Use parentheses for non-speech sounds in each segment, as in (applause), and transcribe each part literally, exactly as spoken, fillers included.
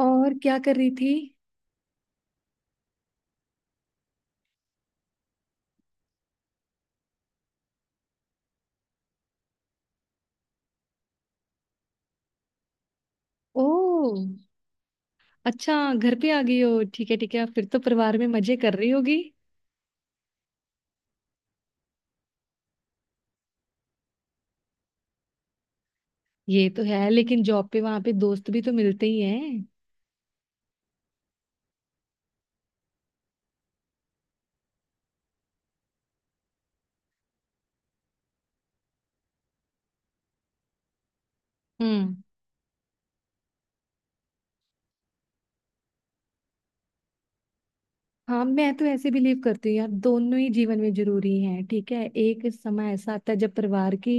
और क्या कर रही थी? ओ, अच्छा घर पे आ गई हो। ठीक है ठीक है, फिर तो परिवार में मजे कर रही होगी। ये तो है, लेकिन जॉब पे वहां पे दोस्त भी तो मिलते ही हैं। हम्म। हाँ मैं तो ऐसे बिलीव करती हूँ यार, दोनों ही जीवन में जरूरी हैं। ठीक है, एक समय ऐसा आता है जब परिवार की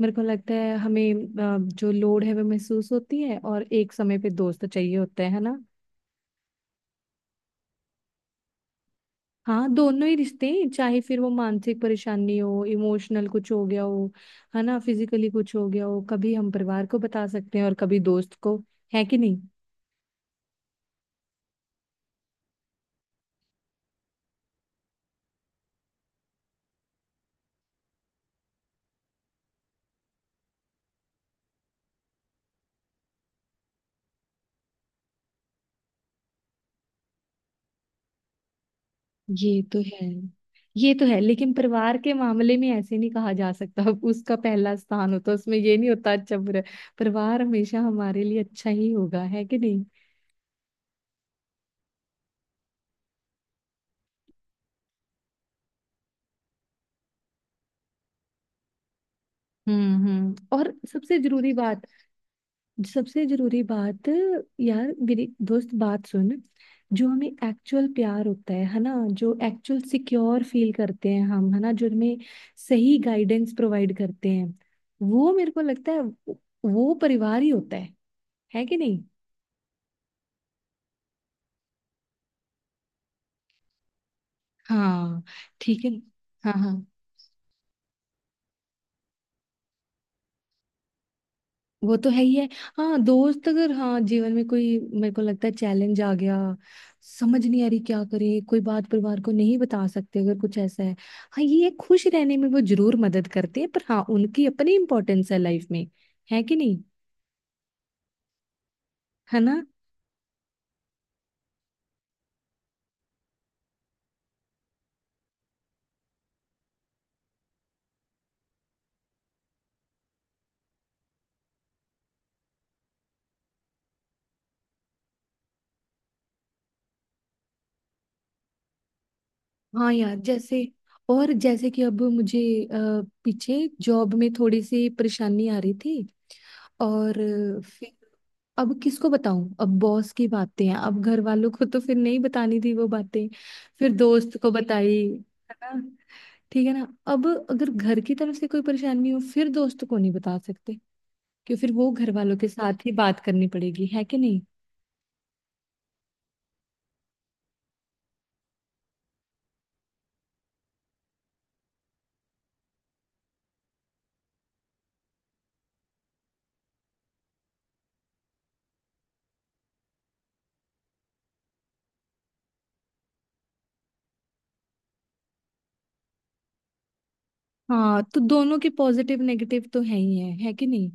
मेरे को लगता है हमें अ, जो लोड है वो महसूस होती है, और एक समय पे दोस्त चाहिए होते हैं, है ना। हाँ दोनों ही रिश्ते हैं, चाहे फिर वो मानसिक परेशानी हो, इमोशनल कुछ हो गया हो, है ना, फिजिकली कुछ हो गया हो। कभी हम परिवार को बता सकते हैं और कभी दोस्त को, है कि नहीं। ये तो है। ये तो है, लेकिन परिवार के मामले में ऐसे नहीं कहा जा सकता (laughs) अब उसका पहला स्थान होता है, उसमें ये नहीं होता अच्छा बुरा। परिवार हमेशा हमारे लिए अच्छा ही होगा, है कि नहीं। हम्म हम्म। और सबसे जरूरी बात, सबसे जरूरी बात यार मेरी दोस्त, बात सुन। जो हमें एक्चुअल प्यार होता है है ना, जो एक्चुअल सिक्योर फील करते हैं हम, है ना, जो हमें सही गाइडेंस प्रोवाइड करते हैं, वो मेरे को लगता है वो परिवार ही होता है है कि नहीं। हाँ। ठीक है। हाँ हाँ, वो तो है ही है। हाँ दोस्त, अगर हाँ जीवन में कोई मेरे को लगता है चैलेंज आ गया, समझ नहीं आ रही क्या करें, कोई बात परिवार को नहीं बता सकते अगर कुछ ऐसा है। हाँ ये है, खुश रहने में वो जरूर मदद करते हैं, पर हाँ उनकी अपनी इंपॉर्टेंस है लाइफ में, है कि नहीं, है ना। हाँ यार, जैसे और जैसे कि अब मुझे अ, पीछे जॉब में थोड़ी सी परेशानी आ रही थी, और अ, फिर अब किसको बताऊं, अब बॉस की बातें हैं, अब घर वालों को तो फिर नहीं बतानी थी वो बातें। फिर दोस्त को बताई, है ना, ठीक है ना। अब अगर घर की तरफ से कोई परेशानी हो, फिर दोस्त को नहीं बता सकते, कि फिर वो घर वालों के साथ ही बात करनी पड़ेगी, है कि नहीं। हाँ तो दोनों के पॉजिटिव नेगेटिव तो है ही है है कि नहीं।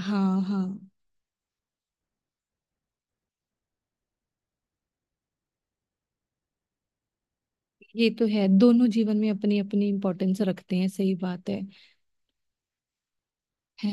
हाँ हाँ, ये तो है, दोनों जीवन में अपनी अपनी इम्पोर्टेंस रखते हैं, सही बात है। है।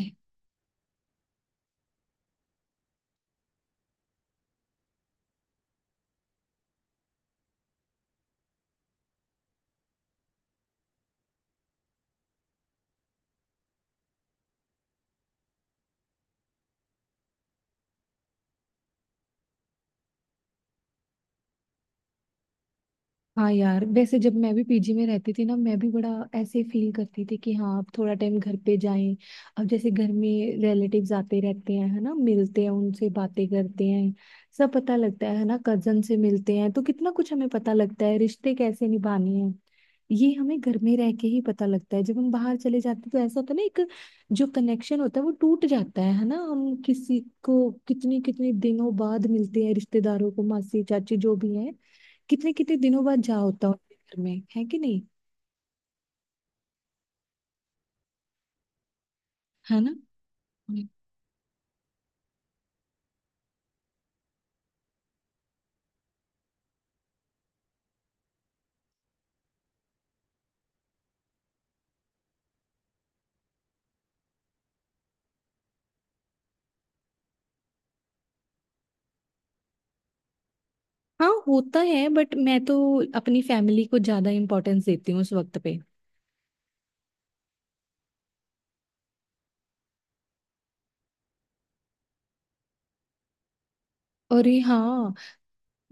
हाँ यार वैसे जब मैं भी पीजी में रहती थी ना, मैं भी बड़ा ऐसे फील करती थी कि हाँ अब थोड़ा टाइम घर पे जाएं। अब जैसे घर में रिलेटिव्स आते रहते हैं, है ना, मिलते हैं उनसे, बातें करते हैं, सब पता लगता है है ना। कजन से मिलते हैं तो कितना कुछ हमें पता लगता है, रिश्ते कैसे निभाने हैं, ये हमें घर में रह के ही पता लगता है। जब हम बाहर चले जाते हैं तो ऐसा होता है ना, एक जो कनेक्शन होता है वो टूट जाता है है ना। हम किसी को कितनी कितनी दिनों बाद मिलते हैं, रिश्तेदारों को, मासी चाची जो भी हैं, कितने कितने दिनों बाद जा होता हूँ घर में, है कि नहीं, है ना। हम्म। हाँ होता है, बट मैं तो अपनी फैमिली को ज्यादा इम्पोर्टेंस देती हूँ उस वक्त पे। अरे हाँ,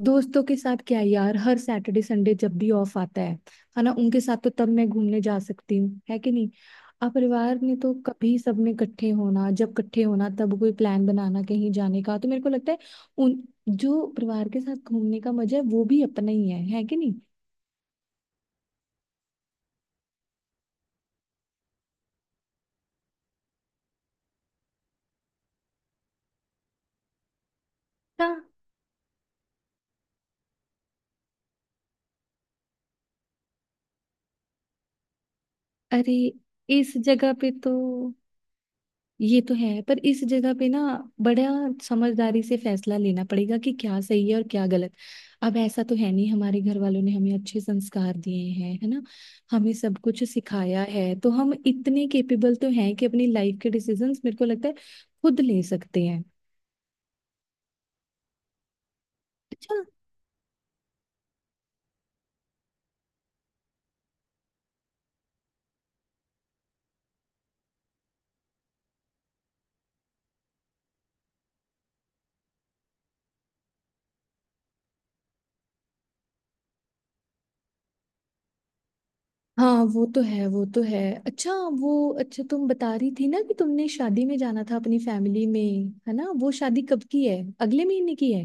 दोस्तों के साथ क्या यार, हर सैटरडे संडे जब भी ऑफ आता है है ना, उनके साथ तो तब मैं घूमने जा सकती हूँ, है कि नहीं। अब परिवार में तो कभी सबने इकट्ठे होना, जब इकट्ठे होना तब कोई प्लान बनाना कहीं जाने का, तो मेरे को लगता है उन, जो परिवार के साथ घूमने का मजा है वो भी अपना ही है है कि नहीं। अरे, इस जगह पे तो, ये तो है पर इस जगह पे ना बड़ा समझदारी से फैसला लेना पड़ेगा, कि क्या सही है और क्या गलत। अब ऐसा तो है नहीं, हमारे घर वालों ने हमें अच्छे संस्कार दिए हैं, है ना, हमें सब कुछ सिखाया है, तो हम इतने केपेबल तो हैं कि अपनी लाइफ के डिसीजंस मेरे को लगता है खुद ले सकते हैं। अच्छा। हाँ वो तो है, वो तो है। अच्छा वो, अच्छा तुम बता रही थी ना कि तुमने शादी में जाना था अपनी फैमिली में, है ना। वो शादी कब की है, अगले महीने की है?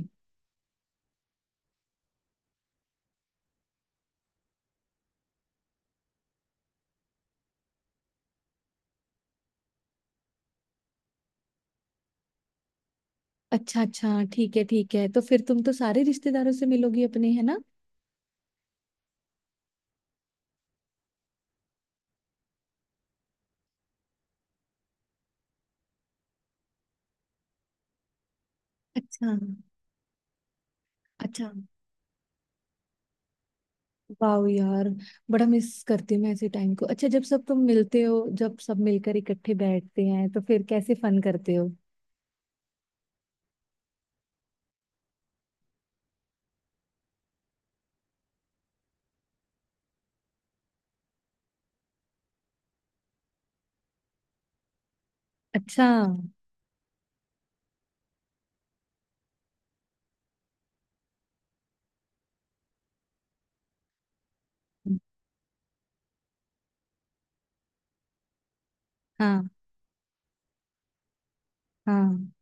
अच्छा अच्छा, ठीक है ठीक है, तो फिर तुम तो सारे रिश्तेदारों से मिलोगी अपने, है ना। अच्छा। अच्छा वाह यार, बड़ा मिस करती हूँ मैं ऐसे टाइम को। अच्छा जब सब तुम मिलते हो, जब सब मिलकर इकट्ठे बैठते हैं तो फिर कैसे फन करते हो? अच्छा। हाँ हाँ।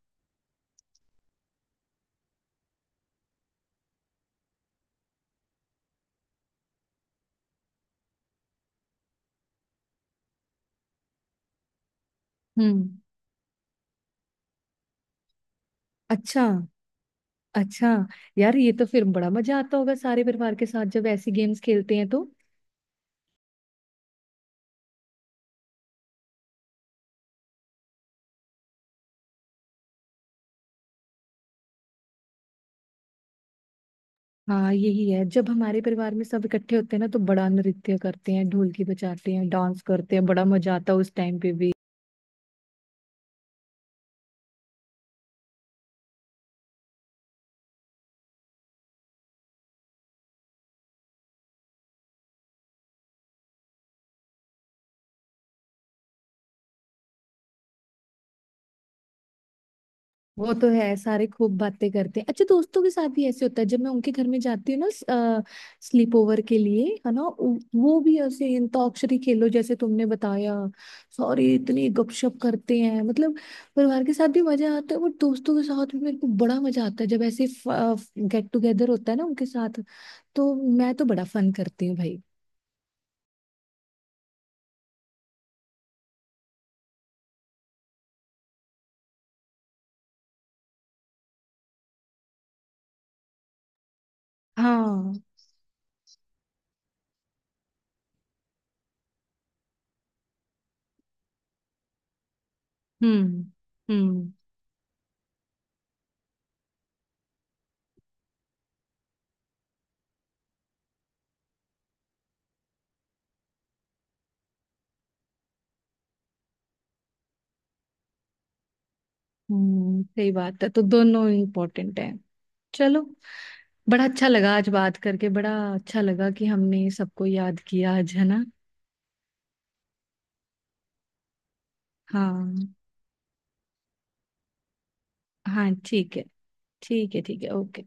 हम्म। अच्छा। अच्छा यार, ये तो फिर बड़ा मजा आता होगा सारे परिवार के साथ जब ऐसी गेम्स खेलते हैं तो। हाँ यही है, जब हमारे परिवार में सब इकट्ठे होते हैं ना तो बड़ा नृत्य करते हैं, ढोलकी बजाते हैं, डांस करते हैं, बड़ा मजा आता है उस टाइम पे भी। वो तो है, सारे खूब बातें करते हैं। अच्छा दोस्तों के साथ भी ऐसे होता है, जब मैं उनके घर में जाती हूँ ना स्लीप ओवर के लिए, है ना, उ- वो भी ऐसे अंताक्षरी खेलो जैसे तुमने बताया। सॉरी, इतनी गपशप करते हैं, मतलब परिवार के साथ भी मजा आता है और दोस्तों के साथ भी मेरे को बड़ा मजा आता है जब ऐसे गेट टुगेदर होता है ना उनके साथ, तो मैं तो बड़ा फन करती हूँ भाई। हाँ। हम्म हम्म। हम्म सही बात है, तो दोनों इम्पोर्टेंट है। चलो, बड़ा अच्छा लगा आज बात करके, बड़ा अच्छा लगा कि हमने सबको याद किया आज, है ना। हाँ हाँ ठीक है, ठीक है ठीक है, ओके।